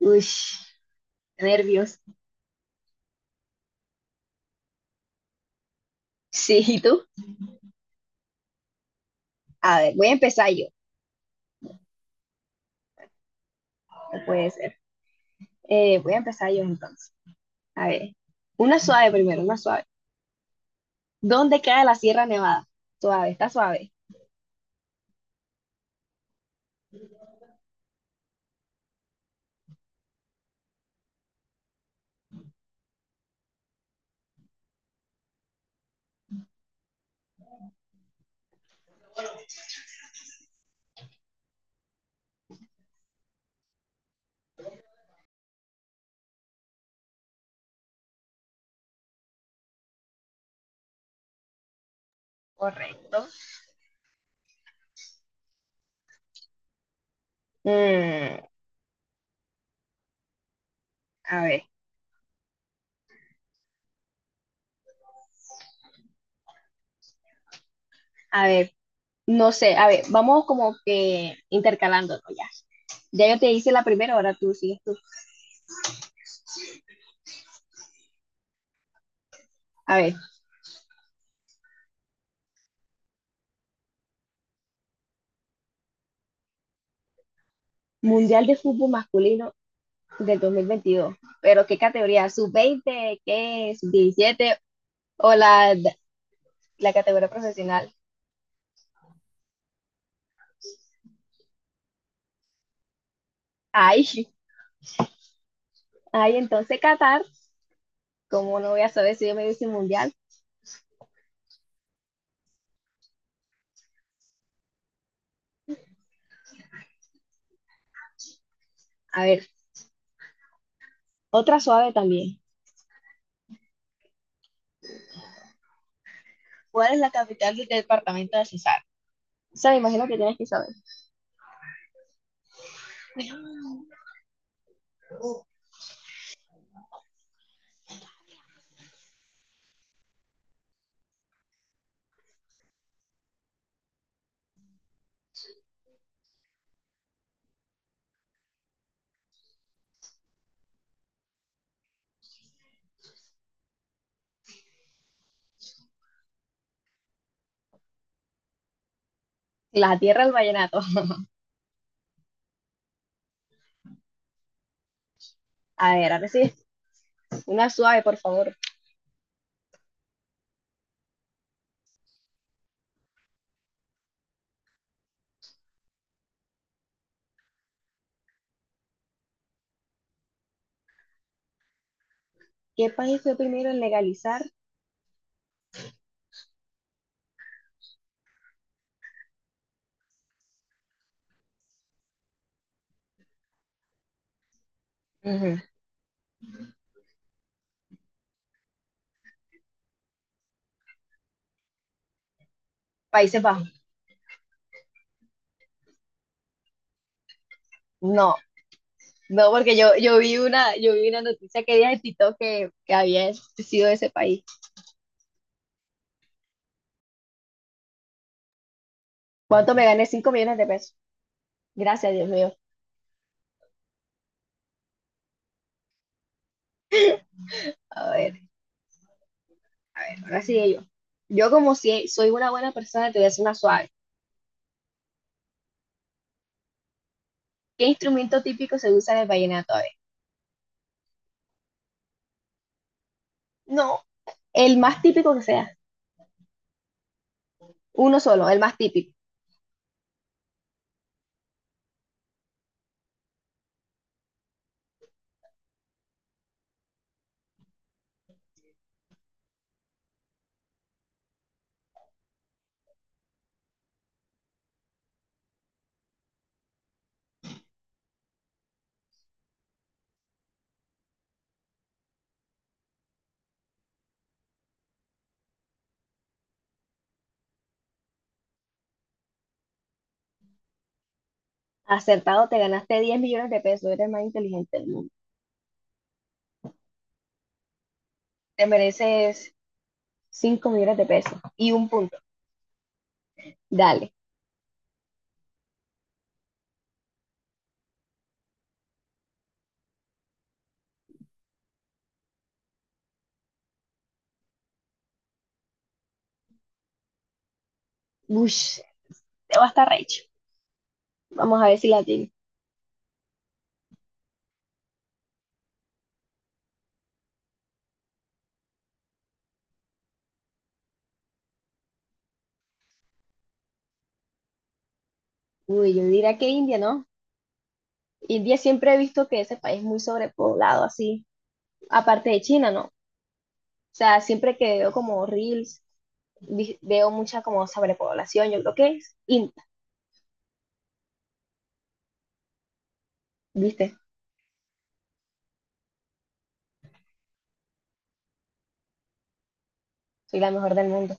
Uy, nervios. Sí, ¿y tú? A ver, voy a empezar yo, no puede ser. Voy a empezar yo entonces. A ver, una suave primero, una suave. ¿Dónde queda la Sierra Nevada? Suave, está suave. Correcto. Mm, a ver, a ver, no sé, a ver, vamos como que intercalándonos ya. Ya yo te hice la primera, ahora tú sigues tú. A ver, Mundial de Fútbol Masculino del 2022. ¿Pero qué categoría? ¿Sub veinte? ¿Qué es? ¿Diecisiete? ¿O la categoría profesional? Ay, ay, entonces Qatar, como no voy a saber si yo me hice mundial? A ver, otra suave también. ¿Cuál es la capital del departamento de Cesar? O sea, me imagino que tienes que saber. La tierra del vallenato. A ver, ahora sí, una suave, por favor. ¿Qué país fue primero en legalizar? Ujú. Países Bajos. No, no, porque yo vi una, yo vi una noticia que día de TikTok que había sido ese país. ¿Cuánto me gané? Cinco millones de pesos. Gracias, Dios mío. A ver, a ver, ahora sigue yo. Yo como si soy una buena persona, te voy a hacer una suave. ¿Qué instrumento típico se usa en el vallenato? A ver. No, el más típico que sea. Uno solo, el más típico. Acertado, te ganaste 10 millones de pesos. Eres el más inteligente del mundo. Te mereces 5 millones de pesos y un punto. Dale. Ush, te va a estar recho. Vamos a ver si la tiene. Uy, yo diría que India, ¿no? India siempre he visto que ese país es muy sobrepoblado, así. Aparte de China, ¿no? O sea, siempre que veo como reels veo mucha como sobrepoblación, yo creo que es INTA, ¿viste? Soy la mejor del mundo.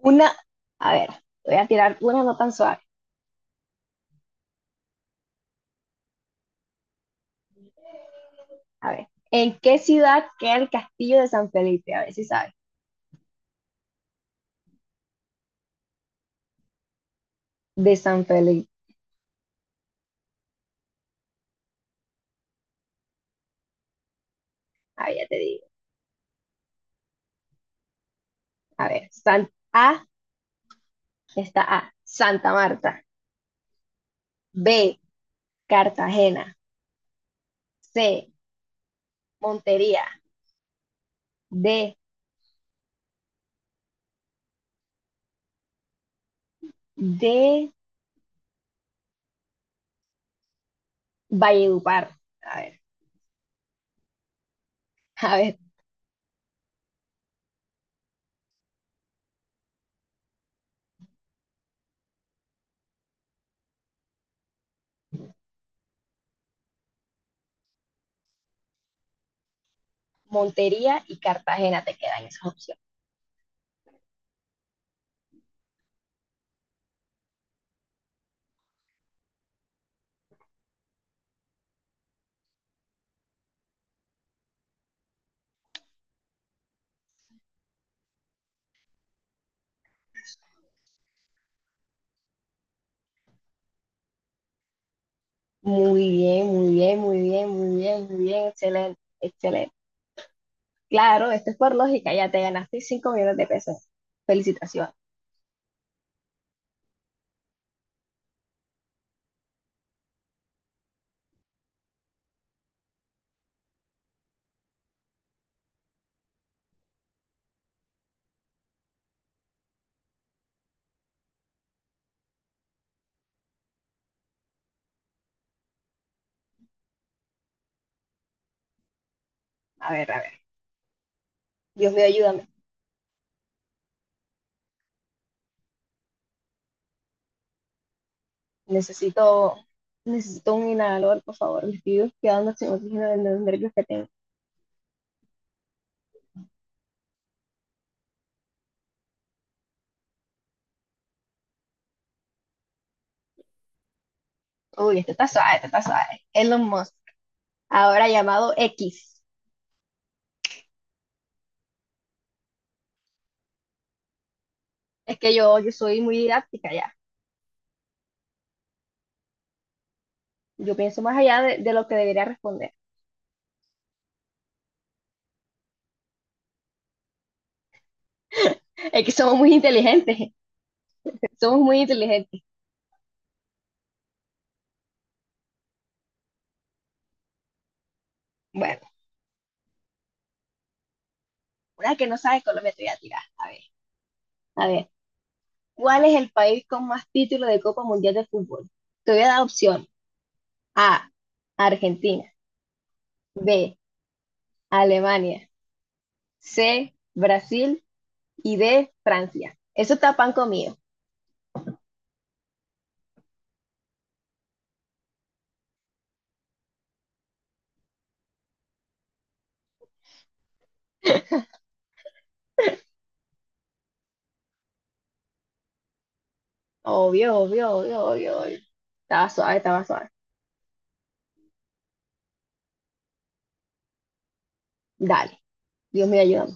Una, a ver, voy a tirar una no tan suave. A ver, ¿en qué ciudad queda el castillo de San Felipe? A ver si sabes. De San Felipe. Ah, ya te digo. A ver, San A está A, Santa Marta. B, Cartagena. C, Montería. D, D, Valledupar. A ver, a ver, Montería y Cartagena te quedan esas opciones. Muy bien, muy bien, muy bien, muy bien, muy bien, excelente, excelente. Claro, esto es por lógica, ya te ganaste 5 millones de pesos. Felicitaciones. A ver, a ver. Dios mío, ayúdame. Necesito, necesito un inhalador, por favor. Me estoy quedando sin oxígeno de los nervios que tengo. Uy, este está suave, este está suave. Elon Musk, ahora llamado X. Es que yo soy muy didáctica ya. Yo pienso más allá de lo que debería responder. Es que somos muy inteligentes, somos muy inteligentes. Bueno. Una que no sabe Colombia te voy a tirar. A ver, a ver. ¿Cuál es el país con más títulos de Copa Mundial de Fútbol? Te voy a dar opción. A, Argentina. B, Alemania. C, Brasil. Y D, Francia. Eso está pan comido. Obvio, obvio, obvio, obvio, obvio. Estaba suave, estaba suave. Dale, Dios me ayuda.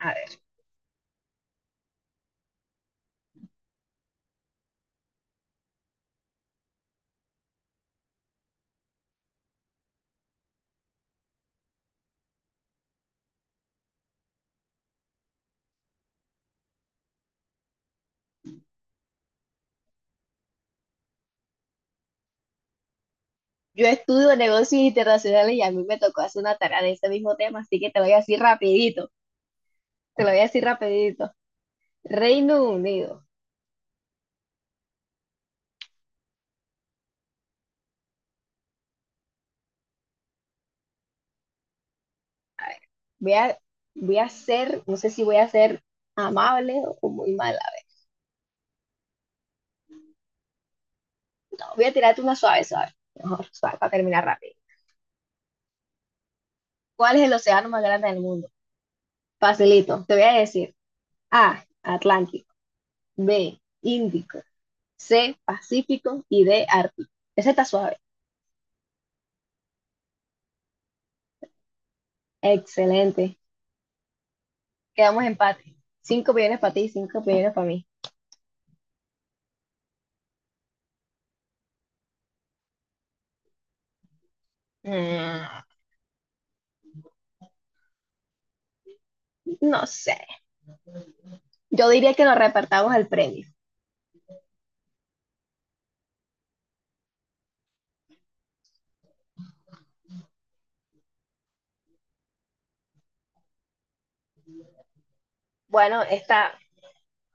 A ver, yo estudio negocios internacionales y a mí me tocó hacer una tarea de ese mismo tema, así que te voy a decir rapidito. Te lo voy a decir rapidito. Reino Unido. A ver, voy a, voy a ser, no sé si voy a ser amable o muy mala. No, voy a tirarte una suave, suave. Mejor, suave, para terminar rápido. ¿Cuál es el océano más grande del mundo? Facilito, te voy a decir. A, Atlántico. B, Índico. C, Pacífico. Y D, Ártico. Ese está suave. Excelente. Quedamos empate. Cinco millones para ti, cinco millones para mí. Mm, no sé. Yo diría que nos repartamos el premio. Bueno,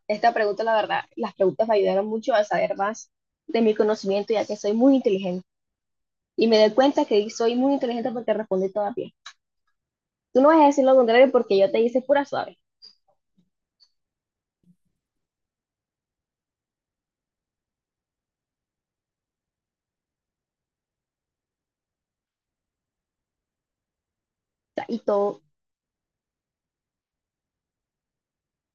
esta pregunta, la verdad, las preguntas me ayudaron mucho a saber más de mi conocimiento, ya que soy muy inteligente. Y me doy cuenta que soy muy inteligente porque respondí todas bien. Tú no vas a decir lo contrario porque yo te hice pura suave. O sea, y todo,